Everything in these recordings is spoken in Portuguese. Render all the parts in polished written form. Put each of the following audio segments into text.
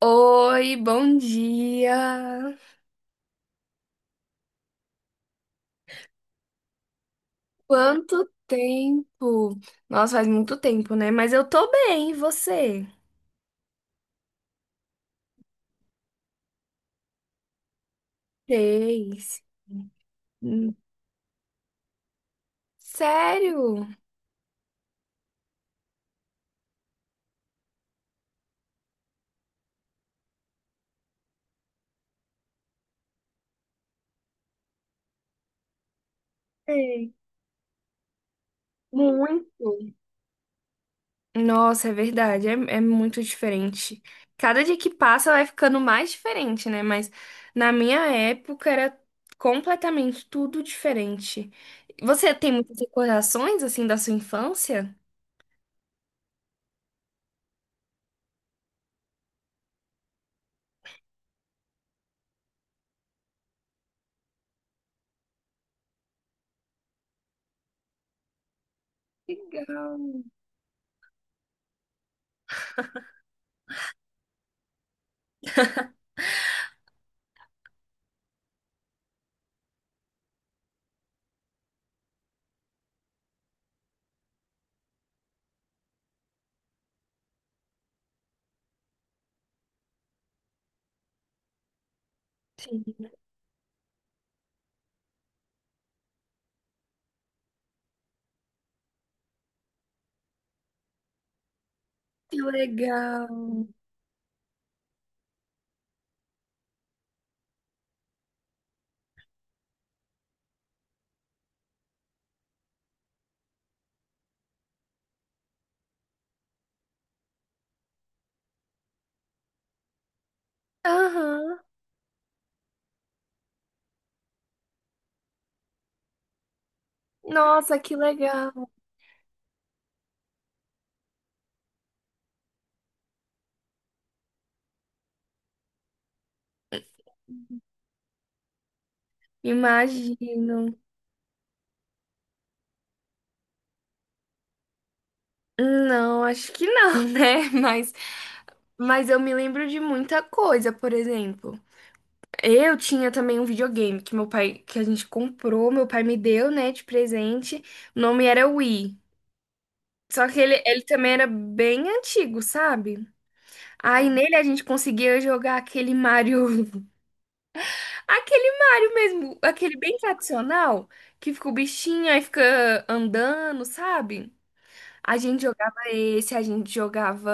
Oi, bom dia. Quanto tempo? Nossa, faz muito tempo, né? Mas eu tô bem, e você? Fez. Hum. Sério? Sei. Muito. Nossa, é verdade, é muito diferente. Cada dia que passa vai ficando mais diferente, né? Mas na minha época era completamente tudo diferente. Você tem muitas recordações, assim, da sua infância? Legal, que legal. Aham. Nossa, que legal. Imagino. Não, acho que não, né? Mas eu me lembro de muita coisa, por exemplo. Eu tinha também um videogame que meu pai, que a gente comprou, meu pai me deu, né, de presente. O nome era Wii. Só que ele também era bem antigo, sabe? Aí nele a gente conseguia jogar aquele Mario, aquele Mario mesmo, aquele bem tradicional, que fica o bichinho aí fica andando, sabe? A gente jogava esse, a gente jogava.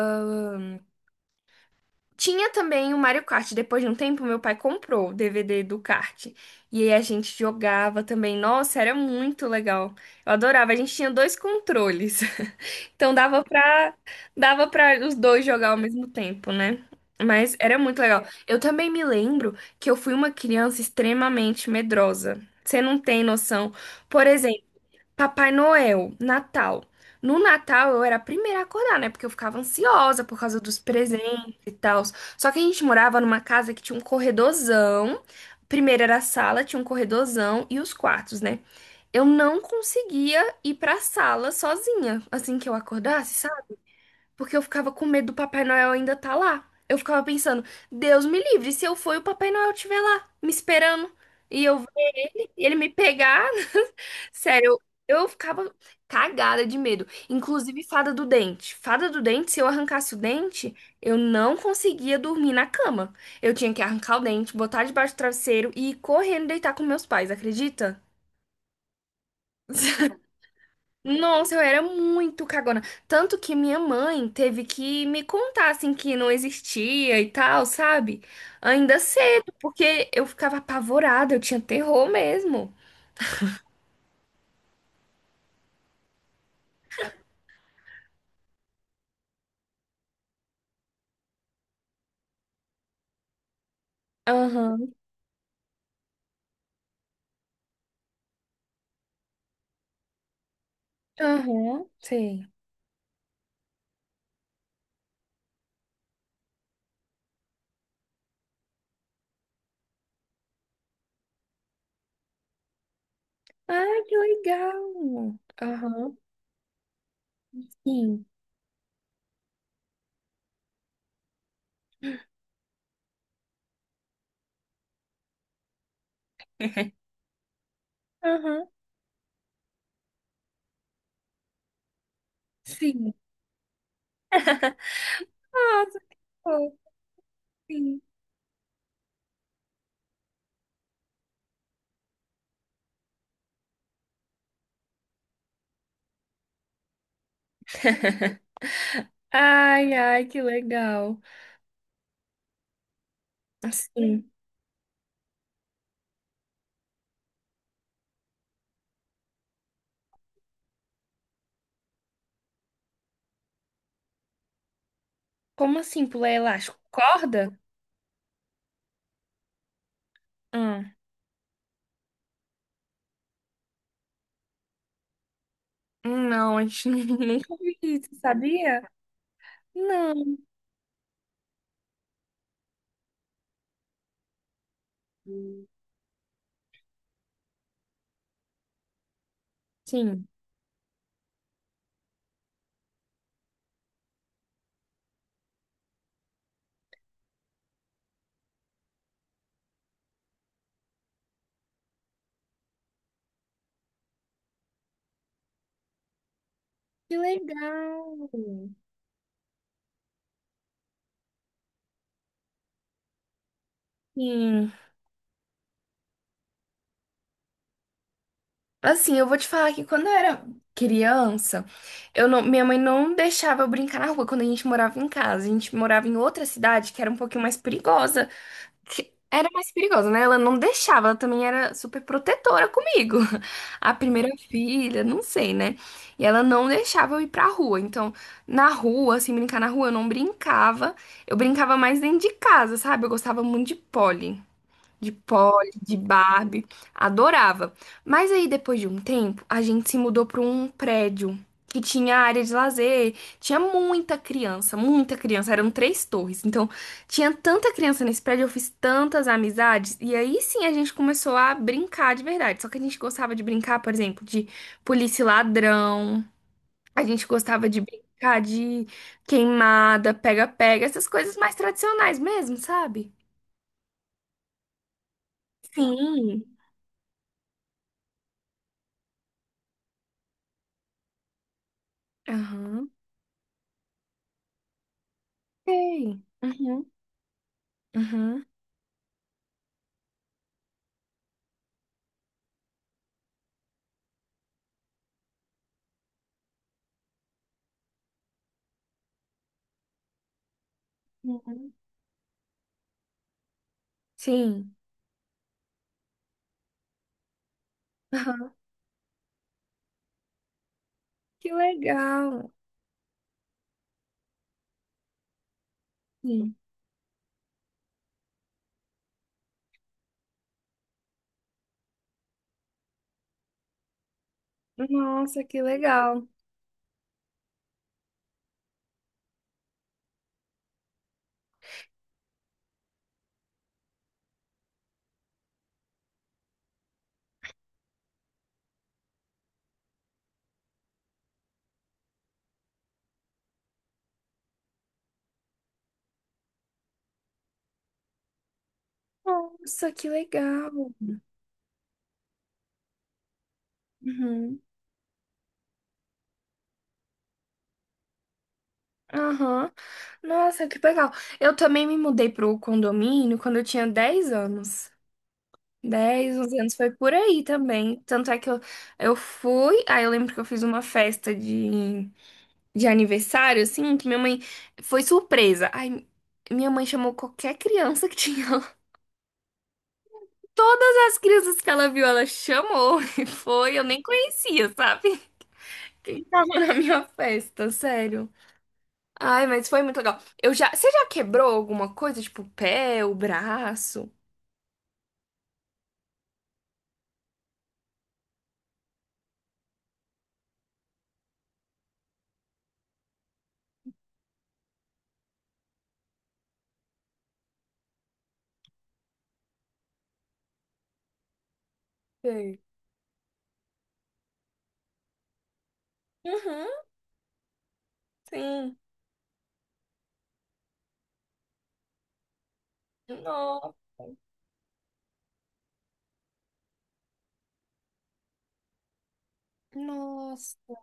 Tinha também o Mario Kart. Depois de um tempo, meu pai comprou o DVD do kart. E aí a gente jogava também. Nossa, era muito legal. Eu adorava. A gente tinha dois controles. Então dava pra os dois jogar ao mesmo tempo, né? Mas era muito legal. Eu também me lembro que eu fui uma criança extremamente medrosa. Você não tem noção. Por exemplo, Papai Noel, Natal. No Natal eu era a primeira a acordar, né? Porque eu ficava ansiosa por causa dos presentes e tal. Só que a gente morava numa casa que tinha um corredorzão. Primeiro era a sala, tinha um corredorzão e os quartos, né? Eu não conseguia ir pra sala sozinha assim que eu acordasse, sabe? Porque eu ficava com medo do Papai Noel ainda tá lá. Eu ficava pensando, Deus me livre, se eu for e o Papai Noel estiver lá, me esperando. E eu ver ele me pegar. Sério, eu ficava cagada de medo. Inclusive, fada do dente. Fada do dente, se eu arrancasse o dente, eu não conseguia dormir na cama. Eu tinha que arrancar o dente, botar debaixo do travesseiro e ir correndo deitar com meus pais, acredita? Nossa, eu era muito cagona. Tanto que minha mãe teve que me contar, assim, que não existia e tal, sabe? Ainda cedo, porque eu ficava apavorada, eu tinha terror mesmo. Aham, aham, sei. Ai, que legal! Aham, sim. Aham, sim. Nossa, que fofo, sim. Ai, ai, que legal. Assim, como assim pular elástico? Corda? hum não, a gente nunca viu isso, sabia? Não, sim. Que legal. Sim. Assim, eu vou te falar que quando eu era criança, eu não, minha mãe não deixava eu brincar na rua quando a gente morava em casa. A gente morava em outra cidade que era um pouquinho mais perigosa. Que era mais perigosa, né? Ela não deixava, ela também era super protetora comigo. A primeira filha, não sei, né? E ela não deixava eu ir pra rua. Então, na rua, assim, brincar na rua, eu não brincava. Eu brincava mais dentro de casa, sabe? Eu gostava muito de Polly, de Barbie, adorava. Mas aí depois de um tempo, a gente se mudou para um prédio que tinha área de lazer, tinha muita criança, eram três torres. Então, tinha tanta criança nesse prédio, eu fiz tantas amizades e aí sim a gente começou a brincar de verdade. Só que a gente gostava de brincar, por exemplo, de polícia e ladrão. A gente gostava de brincar de queimada, pega-pega, essas coisas mais tradicionais mesmo, sabe? Sim. Aham. Sei. Uhum. Uhum. Uhum. Sim. Aham. Que legal. Sim. Nossa, que legal. Nossa, que legal. Uhum. Aham. Nossa, que legal. Eu também me mudei pro condomínio quando eu tinha 10 anos. 10 11 anos foi por aí também. Tanto é que eu fui, aí eu lembro que eu fiz uma festa de aniversário, assim, que minha mãe foi surpresa. Aí minha mãe chamou qualquer criança que tinha, todas as crianças que ela viu, ela chamou e foi. Eu nem conhecia, sabe? Quem tava na minha festa, sério. Ai, mas foi muito legal. Você já quebrou alguma coisa, tipo o pé, o braço? Sei. Uhum, sim. No- Nossa,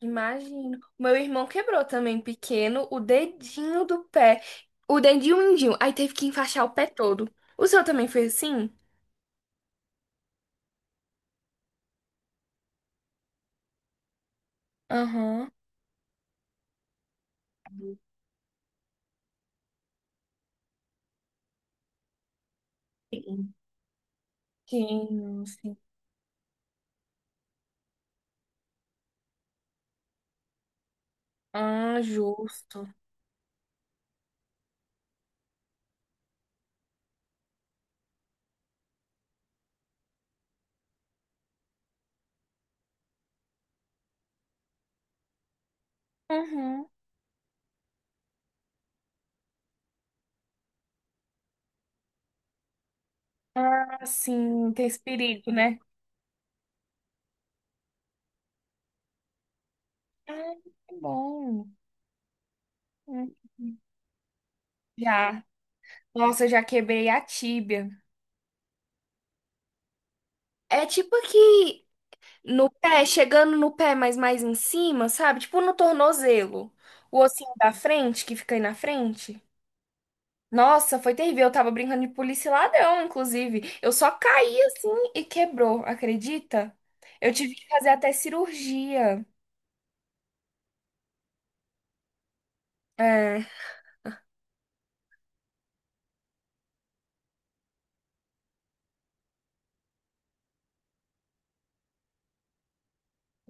imagino. O meu irmão quebrou também, pequeno, o dedinho do pé. O dedinho mindinho. Aí teve que enfaixar o pé todo. O seu também foi assim? Aham. Sim, sim, sim. Ah, justo. Uhum. Ah, sim, tem esse perigo, né? Ah, que bom. Uhum. Já. Nossa, eu já quebrei a tíbia. É tipo aqui no pé, chegando no pé, mas mais em cima, sabe? Tipo no tornozelo. O ossinho da frente, que fica aí na frente. Nossa, foi terrível. Eu tava brincando de polícia e ladrão, inclusive. Eu só caí assim e quebrou, acredita? Eu tive que fazer até cirurgia. É.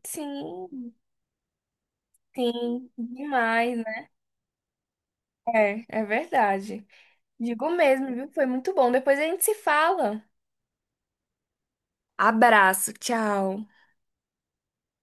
Sim, sim, demais. É. É verdade. Digo mesmo, viu? Foi muito bom. Depois a gente se fala. Abraço, tchau.